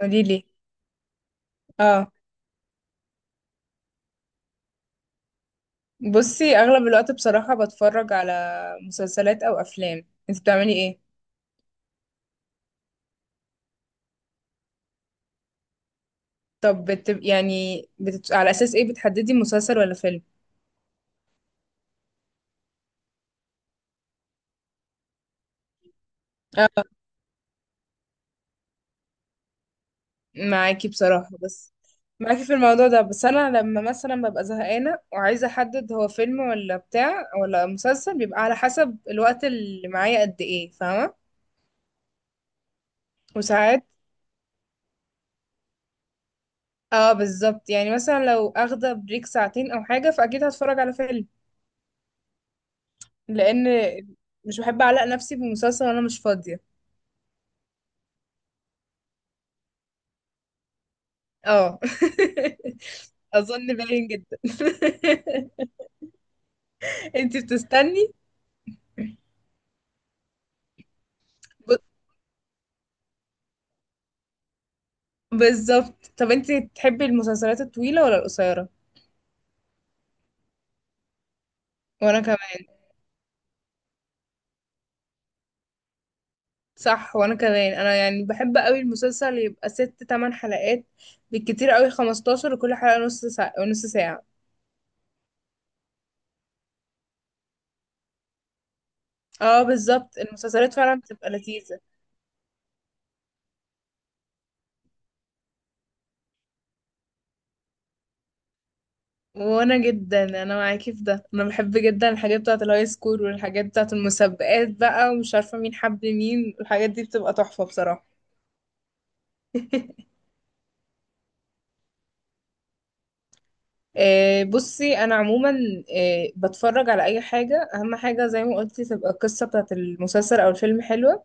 قولي لي. اه، بصي اغلب الوقت بصراحة بتفرج على مسلسلات او افلام، انت بتعملي ايه؟ طب على اساس ايه بتحددي مسلسل ولا فيلم؟ اه، معاكي بصراحة، بس معاكي في الموضوع ده، بس انا لما مثلا ببقى زهقانة وعايزة احدد هو فيلم ولا بتاع ولا مسلسل، بيبقى على حسب الوقت اللي معايا قد ايه، فاهمة؟ وساعات اه بالظبط، يعني مثلا لو اخدة بريك ساعتين او حاجة، فاكيد هتفرج على فيلم، لان مش بحب اعلق نفسي بمسلسل وانا مش فاضيه. اه، اظن باين جدا. انتي بتستني؟ ب... بالظبط. طب انتي تحبي المسلسلات الطويله ولا القصيره؟ وانا كمان، صح، وانا كمان انا يعني بحب قوي المسلسل يبقى ست تمن حلقات، بالكتير قوي 15، وكل حلقه نص ساعه نص ساعه. اه بالظبط، المسلسلات فعلا بتبقى لذيذه. وانا جدا، انا معاكي في ده، انا بحب جدا الحاجات بتاعه الهاي سكول، والحاجات بتاعه المسابقات بقى ومش عارفه مين حب مين، الحاجات دي بتبقى تحفه بصراحه. بصي انا عموما بتفرج على اي حاجه، اهم حاجه زي ما قلتي تبقى القصه بتاعه المسلسل او الفيلم حلوه.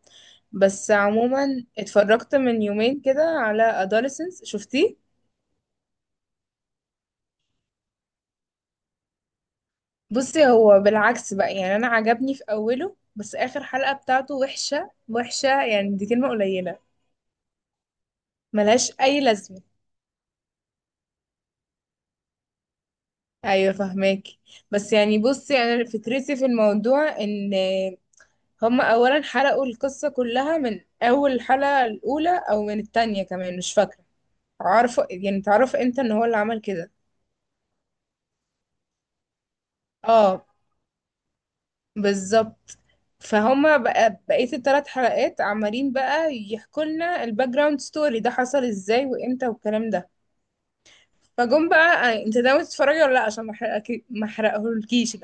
بس عموما اتفرجت من يومين كده على adolescence، شفتيه؟ بصي هو بالعكس بقى، يعني انا عجبني في اوله، بس اخر حلقة بتاعته وحشة وحشة، يعني دي كلمة قليلة. ملهاش اي لازمة. ايوه فهماكي. بس يعني بصي، انا فكرتي في الموضوع ان هم اولا حرقوا القصه كلها من اول الحلقه الاولى او من التانية، كمان مش فاكره. عارفه يعني تعرف امتى ان هو اللي عمل كده. اه بالظبط. فهم بقى بقيه الثلاث حلقات عمالين بقى يحكوا لنا الباك جراوند ستوري، ده حصل ازاي وامتى والكلام ده. فجم بقى، انت ناوي تتفرجي ولا لا؟ عشان ما احرقك، ما احرقهولكيش.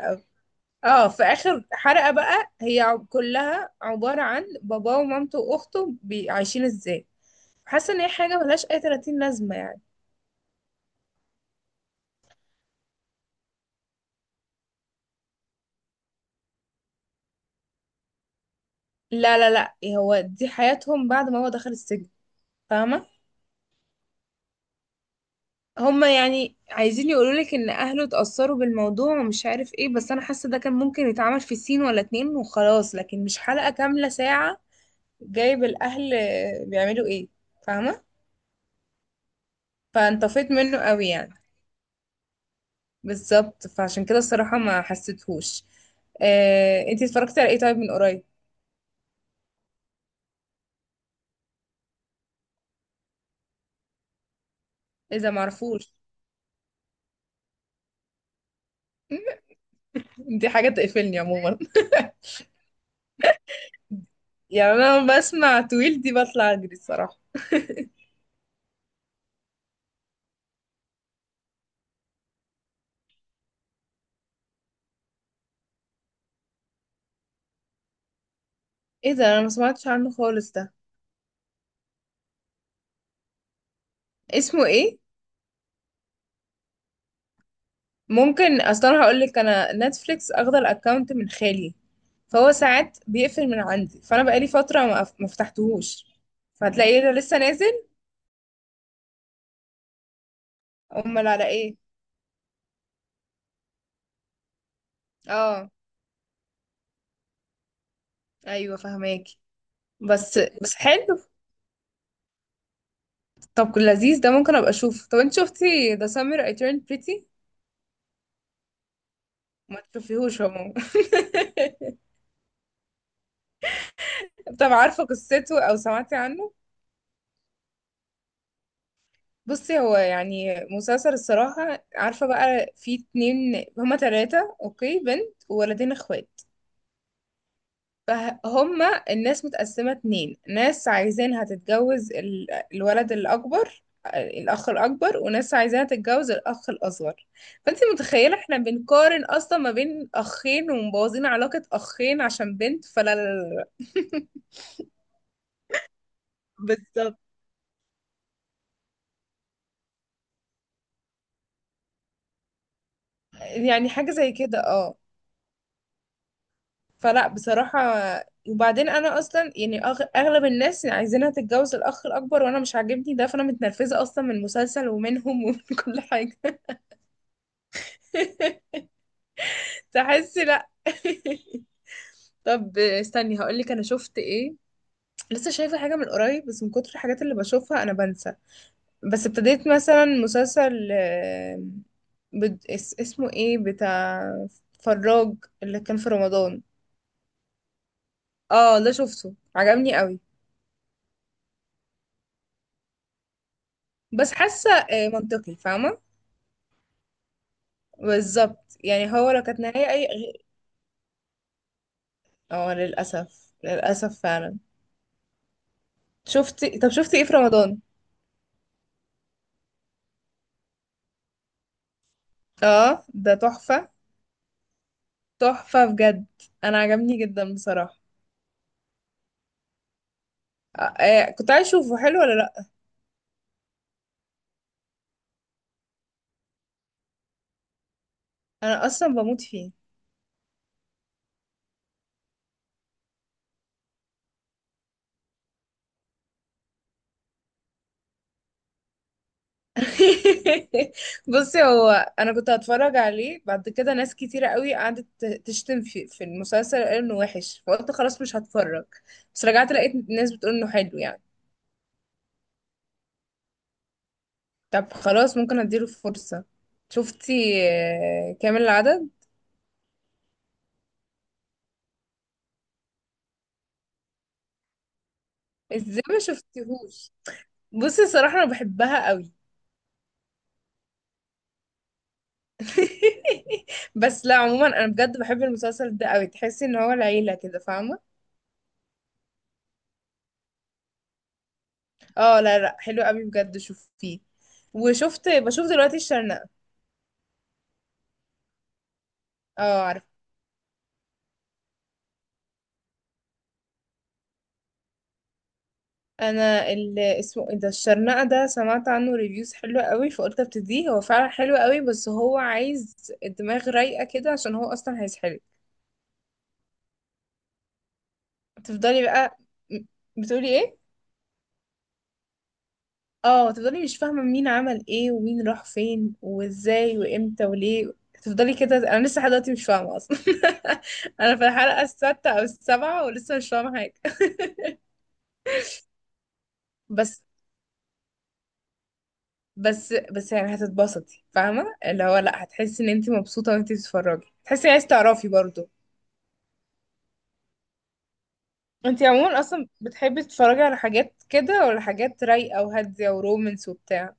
اه، في اخر حلقة بقى هي كلها عبارة عن باباه ومامته واخته عايشين ازاي. حاسة ان هي حاجة ملهاش اي 30 لازمة يعني. لا لا لا، هو دي حياتهم بعد ما هو دخل السجن، فاهمة؟ هما يعني عايزين يقولولك ان اهله اتأثروا بالموضوع ومش عارف ايه، بس انا حاسة ده كان ممكن يتعمل في سين ولا اتنين وخلاص، لكن مش حلقة كاملة ساعة جايب الاهل بيعملوا ايه، فاهمة؟ فانطفيت منه قوي يعني. بالظبط، فعشان كده الصراحة ما حسيتهوش. انتي اتفرجتي على ايه طيب من قريب؟ اذا معرفوش. دي حاجة تقفلني عموما. يعني انا لما بسمع طويل دي بطلع اجري الصراحة. ايه ده؟ انا ما سمعتش عنه خالص ده، اسمه ايه؟ ممكن اصلا هقول لك، انا نتفليكس اخد الاكونت من خالي، فهو ساعات بيقفل من عندي، فانا بقالي فترة ما فتحتهوش، فهتلاقيه ده لسه نازل. امال على ايه؟ اه، ايوه فهماكي. بس بس حلو. طب لذيذ، ده ممكن ابقى اشوف. طب انت شفتي The Summer I Turned Pretty؟ ما تشوفيهوش عموما. طب عارفه قصته او سمعتي عنه؟ بصي هو يعني مسلسل الصراحه، عارفه بقى في اتنين، هما تلاتة، اوكي، بنت وولدين اخوات، فهما الناس متقسمة اتنين، ناس عايزينها تتجوز الولد الأكبر، الأخ الأكبر، وناس عايزاها تتجوز الأخ الأصغر. فأنت متخيلة احنا بنقارن أصلا ما بين أخين ومبوظين علاقة أخين عشان بنت؟ فلا لا لا لا. بالظبط، يعني حاجة زي كده اه. فلا بصراحة، وبعدين أنا أصلا يعني أغلب الناس عايزينها تتجوز الأخ الأكبر، وأنا مش عاجبني ده، فأنا متنرفزة أصلا من المسلسل ومنهم ومن كل حاجة. تحسي لا. طب استني هقول لك انا شفت ايه. لسه شايفه حاجه من قريب، بس من كتر الحاجات اللي بشوفها انا بنسى. بس ابتديت مثلا مسلسل، اسمه ايه، بتاع فراج، اللي كان في رمضان. اه ده شفته عجبني قوي. بس حاسه منطقي، فاهمه؟ بالظبط، يعني هو لو كانت نهايه اي غير-. اه للاسف، للاسف فعلا. شفتي؟ طب شفتي ايه في رمضان؟ اه ده تحفه، تحفة بجد. انا عجبني جدا بصراحة. كنت عايز اشوفه، حلو ولا لا؟ انا اصلا بموت فيه. بصي هو، انا كنت هتفرج عليه بعد كده، ناس كتيرة قوي قعدت تشتم في المسلسل، قال انه وحش، فقلت خلاص مش هتفرج. بس رجعت لقيت ناس بتقول انه حلو يعني. طب خلاص ممكن اديله فرصة. شفتي كامل العدد؟ ازاي ما شفتيهوش؟ بصي الصراحة انا بحبها قوي. بس لا عموما انا بجد بحب المسلسل ده قوي، تحسي ان هو العيله كده، فاهمه؟ اه لا لا، حلو قوي بجد، شوفيه. وشفت بشوف دلوقتي الشرنقه. اه عارف. انا ال- اسمه ايه ده الشرنقه ده سمعت عنه ريفيوز حلوه قوي، فقلت ابتديه، هو فعلا حلو قوي، بس هو عايز الدماغ رايقه كده، عشان هو اصلا هيسحلك. تفضلي بقى. م- بتقولي ايه؟ اه تفضلي، مش فاهمة مين عمل ايه ومين راح فين وازاي وامتى وليه. تفضلي كده، انا لسه لحد دلوقتي مش فاهمة اصلا. انا في الحلقة السادسة او السابعة ولسه مش فاهمة حاجة. بس بس يعني هتتبسطي، فاهمة اللي هو لا، هتحسي ان انت مبسوطة وانت بتتفرجي، تحسي عايز تعرفي برضو. انت عموما اصلا بتحبي تتفرجي على حاجات كده ولا حاجات رايقة وهادية ورومانس وبتاع؟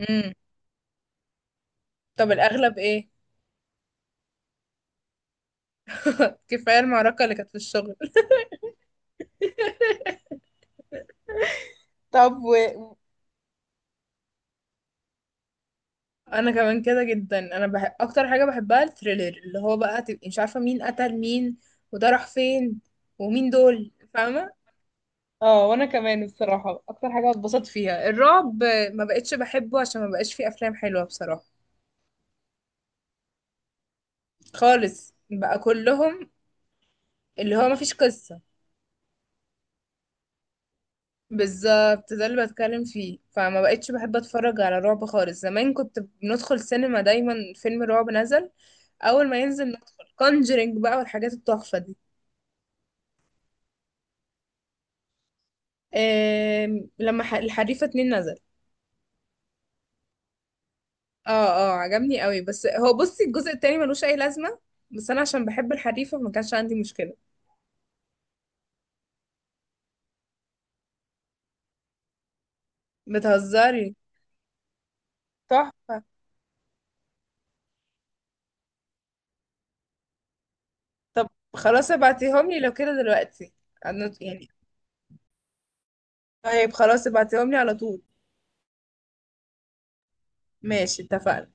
امم. طب الاغلب ايه؟ كفاية المعركة اللي كانت في الشغل. طب انا كمان كده جدا، انا بحب اكتر حاجه بحبها الثريلر، اللي هو بقى تبقي مش عارفه مين قتل مين، وده راح فين، ومين دول، فاهمه؟ اه، وانا كمان الصراحه اكتر حاجه اتبسطت فيها الرعب، ما بقتش بحبه عشان ما بقاش فيه افلام حلوه بصراحه، خالص بقى كلهم، اللي هو ما فيش قصه. بالظبط ده اللي بتكلم فيه، فما بقتش بحب اتفرج على رعب خالص. زمان كنت بندخل سينما دايما، فيلم رعب نزل اول ما ينزل ندخل، كونجرينج بقى والحاجات التحفه دي. لما الحريفة اتنين نزل. اه اه عجبني قوي، بس هو بصي الجزء التاني ملوش اي لازمة، بس انا عشان بحب الحريفة ما كانش عندي مشكلة. بتهزري؟ تحفة. طب خلاص ابعتيهم لي لو كده دلوقتي. يعني طيب خلاص، ابعتيهم لي على طول. ماشي، اتفقنا.